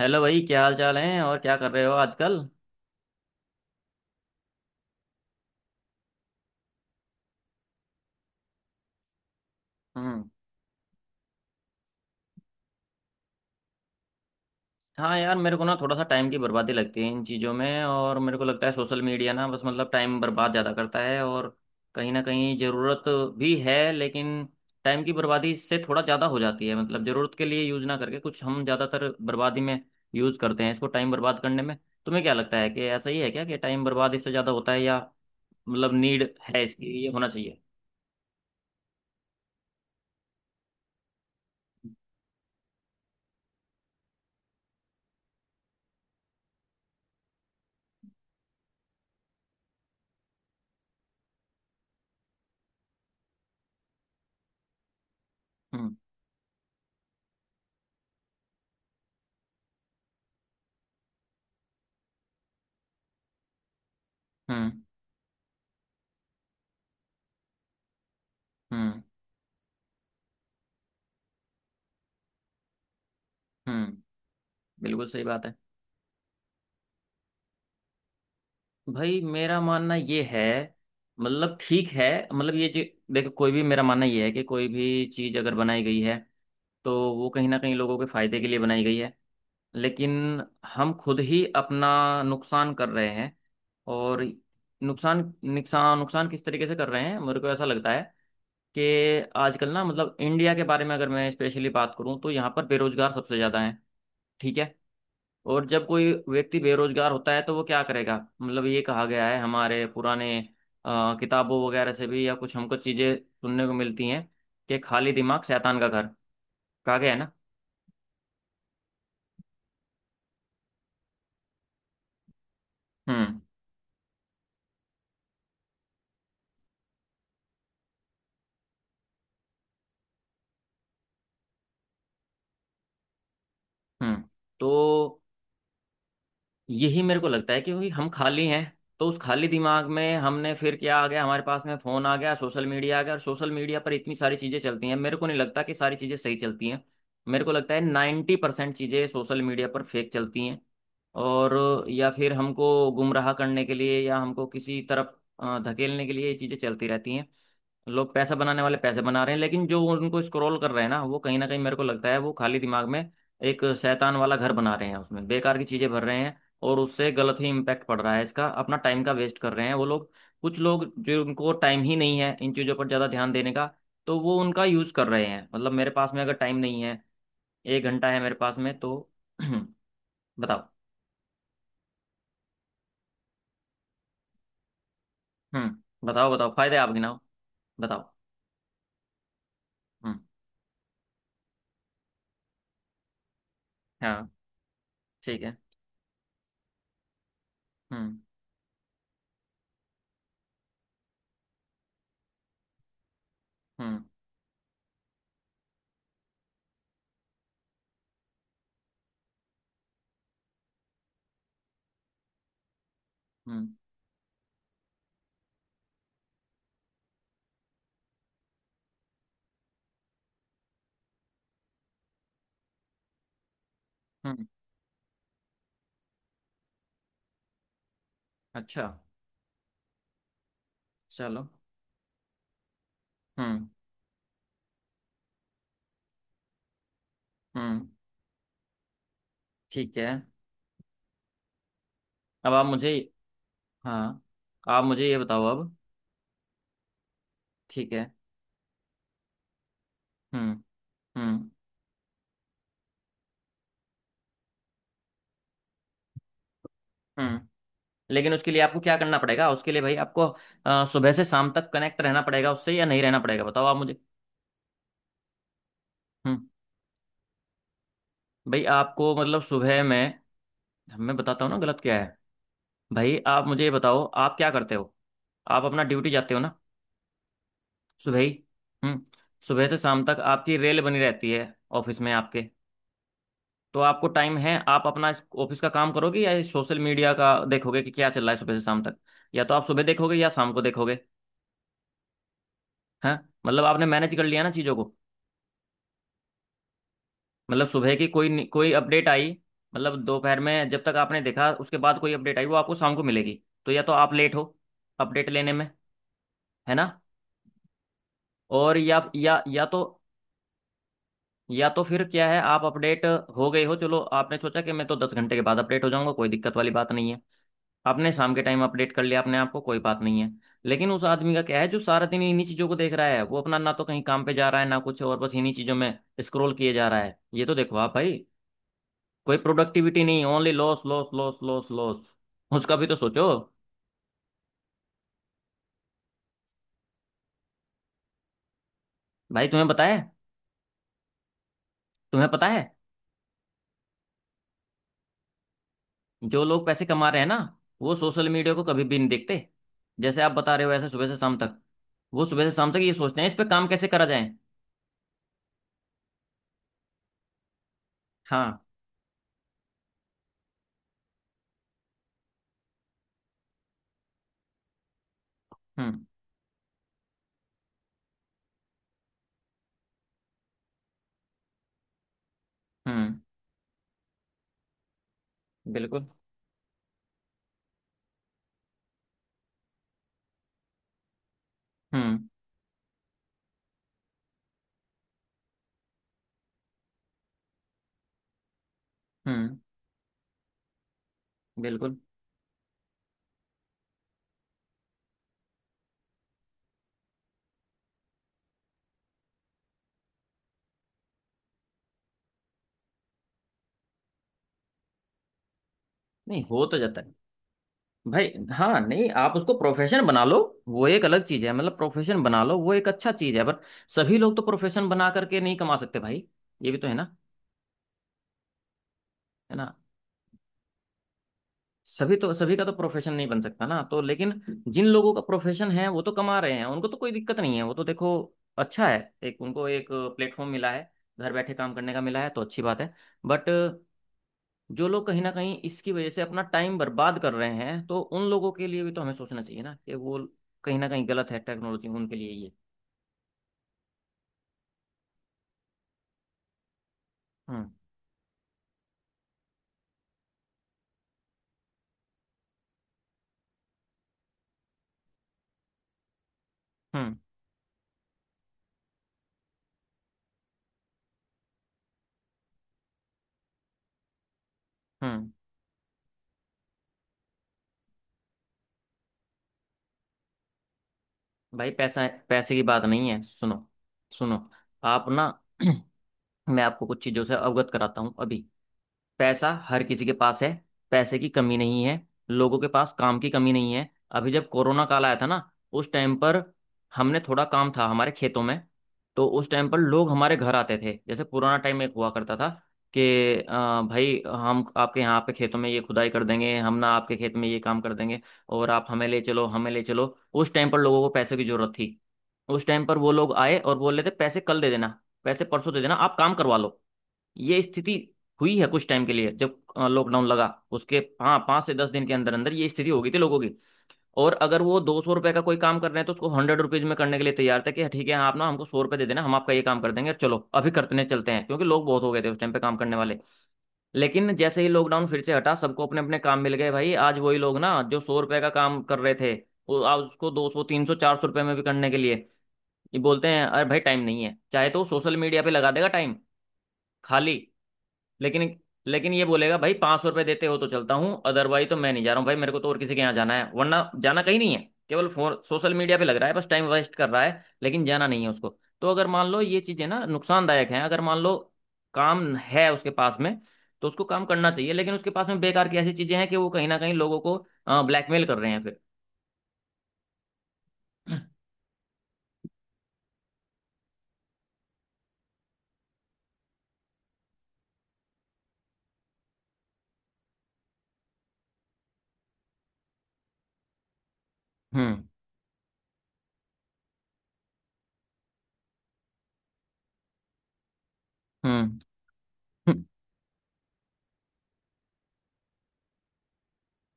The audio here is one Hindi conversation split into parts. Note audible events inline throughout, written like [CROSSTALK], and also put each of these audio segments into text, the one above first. हेलो भाई, क्या हाल चाल है और क्या कर रहे हो आजकल। हम्म। हाँ यार, मेरे को ना थोड़ा सा टाइम की बर्बादी लगती है इन चीज़ों में। और मेरे को लगता है सोशल मीडिया ना बस मतलब टाइम बर्बाद ज़्यादा करता है। और कहीं ना कहीं ज़रूरत भी है, लेकिन टाइम की बर्बादी इससे थोड़ा ज़्यादा हो जाती है। मतलब ज़रूरत के लिए यूज़ ना करके कुछ हम ज़्यादातर बर्बादी में यूज़ करते हैं इसको, टाइम बर्बाद करने में। तुम्हें क्या लगता है कि ऐसा ही है क्या, कि टाइम बर्बाद इससे ज़्यादा होता है या मतलब नीड है इसकी, ये होना चाहिए। हम्म। हम्म। हम्म। हम्म। बिल्कुल सही बात है। भाई मेरा मानना ये है, मतलब ठीक है, मतलब ये जो, देखो कोई भी, मेरा मानना ये है कि कोई भी चीज़ अगर बनाई गई है तो वो कहीं ना कहीं लोगों के फायदे के लिए बनाई गई है। लेकिन हम खुद ही अपना नुकसान कर रहे हैं। और नुकसान, नुकसान, नुकसान किस तरीके से कर रहे हैं? मेरे को ऐसा लगता है कि आजकल ना मतलब इंडिया के बारे में अगर मैं स्पेशली बात करूं तो यहाँ पर बेरोजगार सबसे ज़्यादा है, ठीक है। और जब कोई व्यक्ति बेरोजगार होता है तो वो क्या करेगा? मतलब ये कहा गया है हमारे पुराने किताबों वगैरह से भी, या कुछ हमको चीजें सुनने को मिलती हैं कि खाली दिमाग शैतान का घर, कहा गया है ना। हम्म। हम्म। तो यही मेरे को लगता है, क्योंकि हम खाली हैं, तो उस खाली दिमाग में हमने फिर क्या आ गया, हमारे पास में फोन आ गया, सोशल मीडिया आ गया। और सोशल मीडिया पर इतनी सारी चीजें चलती हैं, मेरे को नहीं लगता कि सारी चीजें सही चलती हैं। मेरे को लगता है 90% चीजें सोशल मीडिया पर फेक चलती हैं। और या फिर हमको गुमराह करने के लिए, या हमको किसी तरफ धकेलने के लिए ये चीज़ें चलती रहती हैं। लोग पैसा बनाने वाले पैसे बना रहे हैं, लेकिन जो उनको स्क्रॉल कर रहे हैं ना, वो कहीं ना कहीं मेरे को लगता है वो खाली दिमाग में एक शैतान वाला घर बना रहे हैं, उसमें बेकार की चीज़ें भर रहे हैं। और उससे गलत ही इम्पैक्ट पड़ रहा है इसका, अपना टाइम का वेस्ट कर रहे हैं वो लोग। कुछ लोग जो उनको टाइम ही नहीं है इन चीज़ों पर ज़्यादा ध्यान देने का, तो वो उनका यूज़ कर रहे हैं। मतलब मेरे पास में अगर टाइम नहीं है, 1 घंटा है मेरे पास में तो [CLEARS THROAT] बताओ। हम्म, बताओ बताओ, फायदे आप गिनाओ, बताओ। हम्म। हाँ। ठीक है। हम्म। हम्म। हम्म। हम्म। अच्छा। चलो। हम्म। हम्म। ठीक है। अब आप मुझे, हाँ, आप मुझे ये बताओ अब। ठीक है। हम्म। हम्म। हम्म। लेकिन उसके लिए आपको क्या करना पड़ेगा? उसके लिए भाई आपको सुबह से शाम तक कनेक्ट रहना पड़ेगा उससे, या नहीं रहना पड़ेगा, बताओ आप मुझे। हम्म। भाई आपको मतलब सुबह में, मैं बताता हूँ ना गलत क्या है। भाई आप मुझे ये बताओ, आप क्या करते हो? आप अपना ड्यूटी जाते हो ना, सुबह ही। हम्म। सुबह से शाम तक आपकी रेल बनी रहती है ऑफिस में, आपके। तो आपको टाइम है, आप अपना ऑफिस का काम करोगे या सोशल मीडिया का देखोगे कि क्या चल रहा है सुबह से शाम तक? या तो आप सुबह देखोगे या शाम को देखोगे। हाँ। मतलब आपने मैनेज कर लिया ना चीज़ों को, मतलब सुबह की कोई कोई अपडेट आई, मतलब दोपहर में जब तक आपने देखा उसके बाद कोई अपडेट आई, वो आपको शाम को मिलेगी, तो या तो आप लेट हो अपडेट लेने में, है ना। और या तो फिर क्या है, आप अपडेट हो गए हो, चलो आपने सोचा कि मैं तो 10 घंटे के बाद अपडेट हो जाऊंगा, कोई दिक्कत वाली बात नहीं है, आपने शाम के टाइम अपडेट कर लिया अपने आप को, कोई बात नहीं है। लेकिन उस आदमी का क्या है जो सारा दिन इन्हीं चीज़ों को देख रहा है, वो अपना ना तो कहीं काम पे जा रहा है ना कुछ और, बस इन्हीं चीज़ों में स्क्रॉल किए जा रहा है, ये तो देखो आप भाई, कोई प्रोडक्टिविटी नहीं, only loss, loss, loss, loss, loss. उसका भी तो सोचो। भाई तुम्हें बताया, तुम्हें पता है जो लोग पैसे कमा रहे हैं ना, वो सोशल मीडिया को कभी भी नहीं देखते जैसे आप बता रहे हो ऐसे सुबह से शाम तक। वो सुबह से शाम तक ये सोचते हैं इस पे काम कैसे करा जाए। हाँ। हम्म। हम्म। बिल्कुल। हम्म। हम्म। बिल्कुल। नहीं हो तो जाता है भाई। हाँ नहीं, आप उसको प्रोफेशन बना लो, वो एक अलग चीज है, मतलब प्रोफेशन बना लो वो एक अच्छा चीज है, पर सभी लोग तो प्रोफेशन बना करके नहीं कमा सकते भाई, ये भी तो है ना, है ना। सभी का तो प्रोफेशन नहीं बन सकता ना, तो लेकिन जिन लोगों का प्रोफेशन है वो तो कमा रहे हैं, उनको तो कोई दिक्कत नहीं है, वो तो देखो अच्छा है, एक उनको एक प्लेटफॉर्म मिला है घर बैठे काम करने का, मिला है तो अच्छी बात है। बट जो लोग कहीं ना कहीं इसकी वजह से अपना टाइम बर्बाद कर रहे हैं, तो उन लोगों के लिए भी तो हमें सोचना चाहिए ना, कि वो कहीं ना कहीं गलत है, टेक्नोलॉजी उनके लिए ये। हम्म। हम्म। हम्म। भाई पैसा, पैसे की बात नहीं है, सुनो सुनो, आप ना [CLEARS THROAT] मैं आपको कुछ चीज़ों से अवगत कराता हूँ अभी। पैसा हर किसी के पास है, पैसे की कमी नहीं है, लोगों के पास काम की कमी नहीं है। अभी जब कोरोना काल आया था ना, उस टाइम पर हमने, थोड़ा काम था हमारे खेतों में, तो उस टाइम पर लोग हमारे घर आते थे, जैसे पुराना टाइम एक हुआ करता था, कि भाई हम आपके यहाँ पे खेतों में ये खुदाई कर देंगे, हम ना आपके खेत में ये काम कर देंगे और आप हमें ले चलो, हमें ले चलो। उस टाइम पर लोगों को पैसे की जरूरत थी, उस टाइम पर वो लोग आए और बोल रहे थे पैसे कल दे देना, पैसे परसों दे देना, आप काम करवा लो। ये स्थिति हुई है कुछ टाइम के लिए जब लॉकडाउन लगा। उसके हाँ 5 से 10 दिन के अंदर अंदर ये स्थिति हो गई थी लोगों की। और अगर वो 200 रुपए का कोई काम कर रहे हैं तो उसको 100 रुपीज में करने के लिए तैयार था, कि "हाँ, ठीक है, आप ना हमको 100 रुपए दे देना, हम आपका ये काम कर देंगे, चलो अभी करते हैं, चलते हैं", क्योंकि लोग बहुत हो गए थे उस टाइम पे काम करने वाले। लेकिन जैसे ही लॉकडाउन फिर से हटा, सबको अपने अपने काम मिल गए, भाई आज वही लोग ना जो 100 रुपए का काम कर रहे थे, वो आज उसको 200, 300, 400 रुपए में भी करने के लिए ये बोलते हैं अरे भाई टाइम नहीं है, चाहे तो सोशल मीडिया पे लगा देगा टाइम खाली। लेकिन लेकिन ये बोलेगा भाई 500 रुपये देते हो तो चलता हूँ, अदरवाइज तो मैं नहीं जा रहा हूँ भाई, मेरे को तो और किसी के यहाँ जाना है, वरना जाना कहीं नहीं है, केवल फोन सोशल मीडिया पे लग रहा है, बस टाइम वेस्ट कर रहा है, लेकिन जाना नहीं है उसको। तो अगर मान लो ये चीजें ना नुकसानदायक हैं, अगर मान लो काम है उसके पास में तो उसको काम करना चाहिए, लेकिन उसके पास में बेकार की ऐसी चीजें हैं कि वो कहीं ना कहीं लोगों को ब्लैकमेल कर रहे हैं फिर। हम्म। हम्म। हम्म।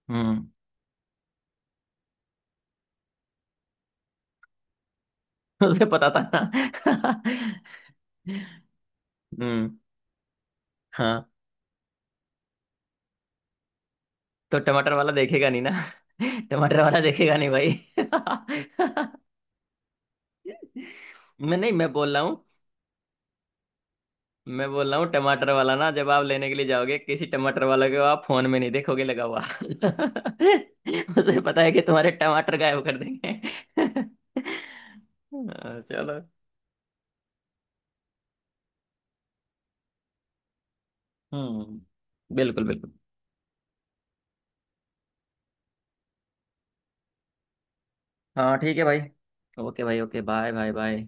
हम्म, [LAUGHS] उसे पता था। [LAUGHS] हम्म। हाँ, तो टमाटर वाला देखेगा नहीं ना। [LAUGHS] टमाटर वाला देखेगा नहीं भाई। [LAUGHS] मैं नहीं, मैं बोल रहा हूँ टमाटर वाला ना, जब आप लेने के लिए जाओगे किसी टमाटर वाले को, आप फोन में नहीं देखोगे लगा हुआ। [LAUGHS] उसे पता है कि तुम्हारे टमाटर गायब कर देंगे। [LAUGHS] हाँ, चलो। हम्म, बिल्कुल बिल्कुल। हाँ ठीक है भाई, ओके भाई, ओके, बाय बाय बाय।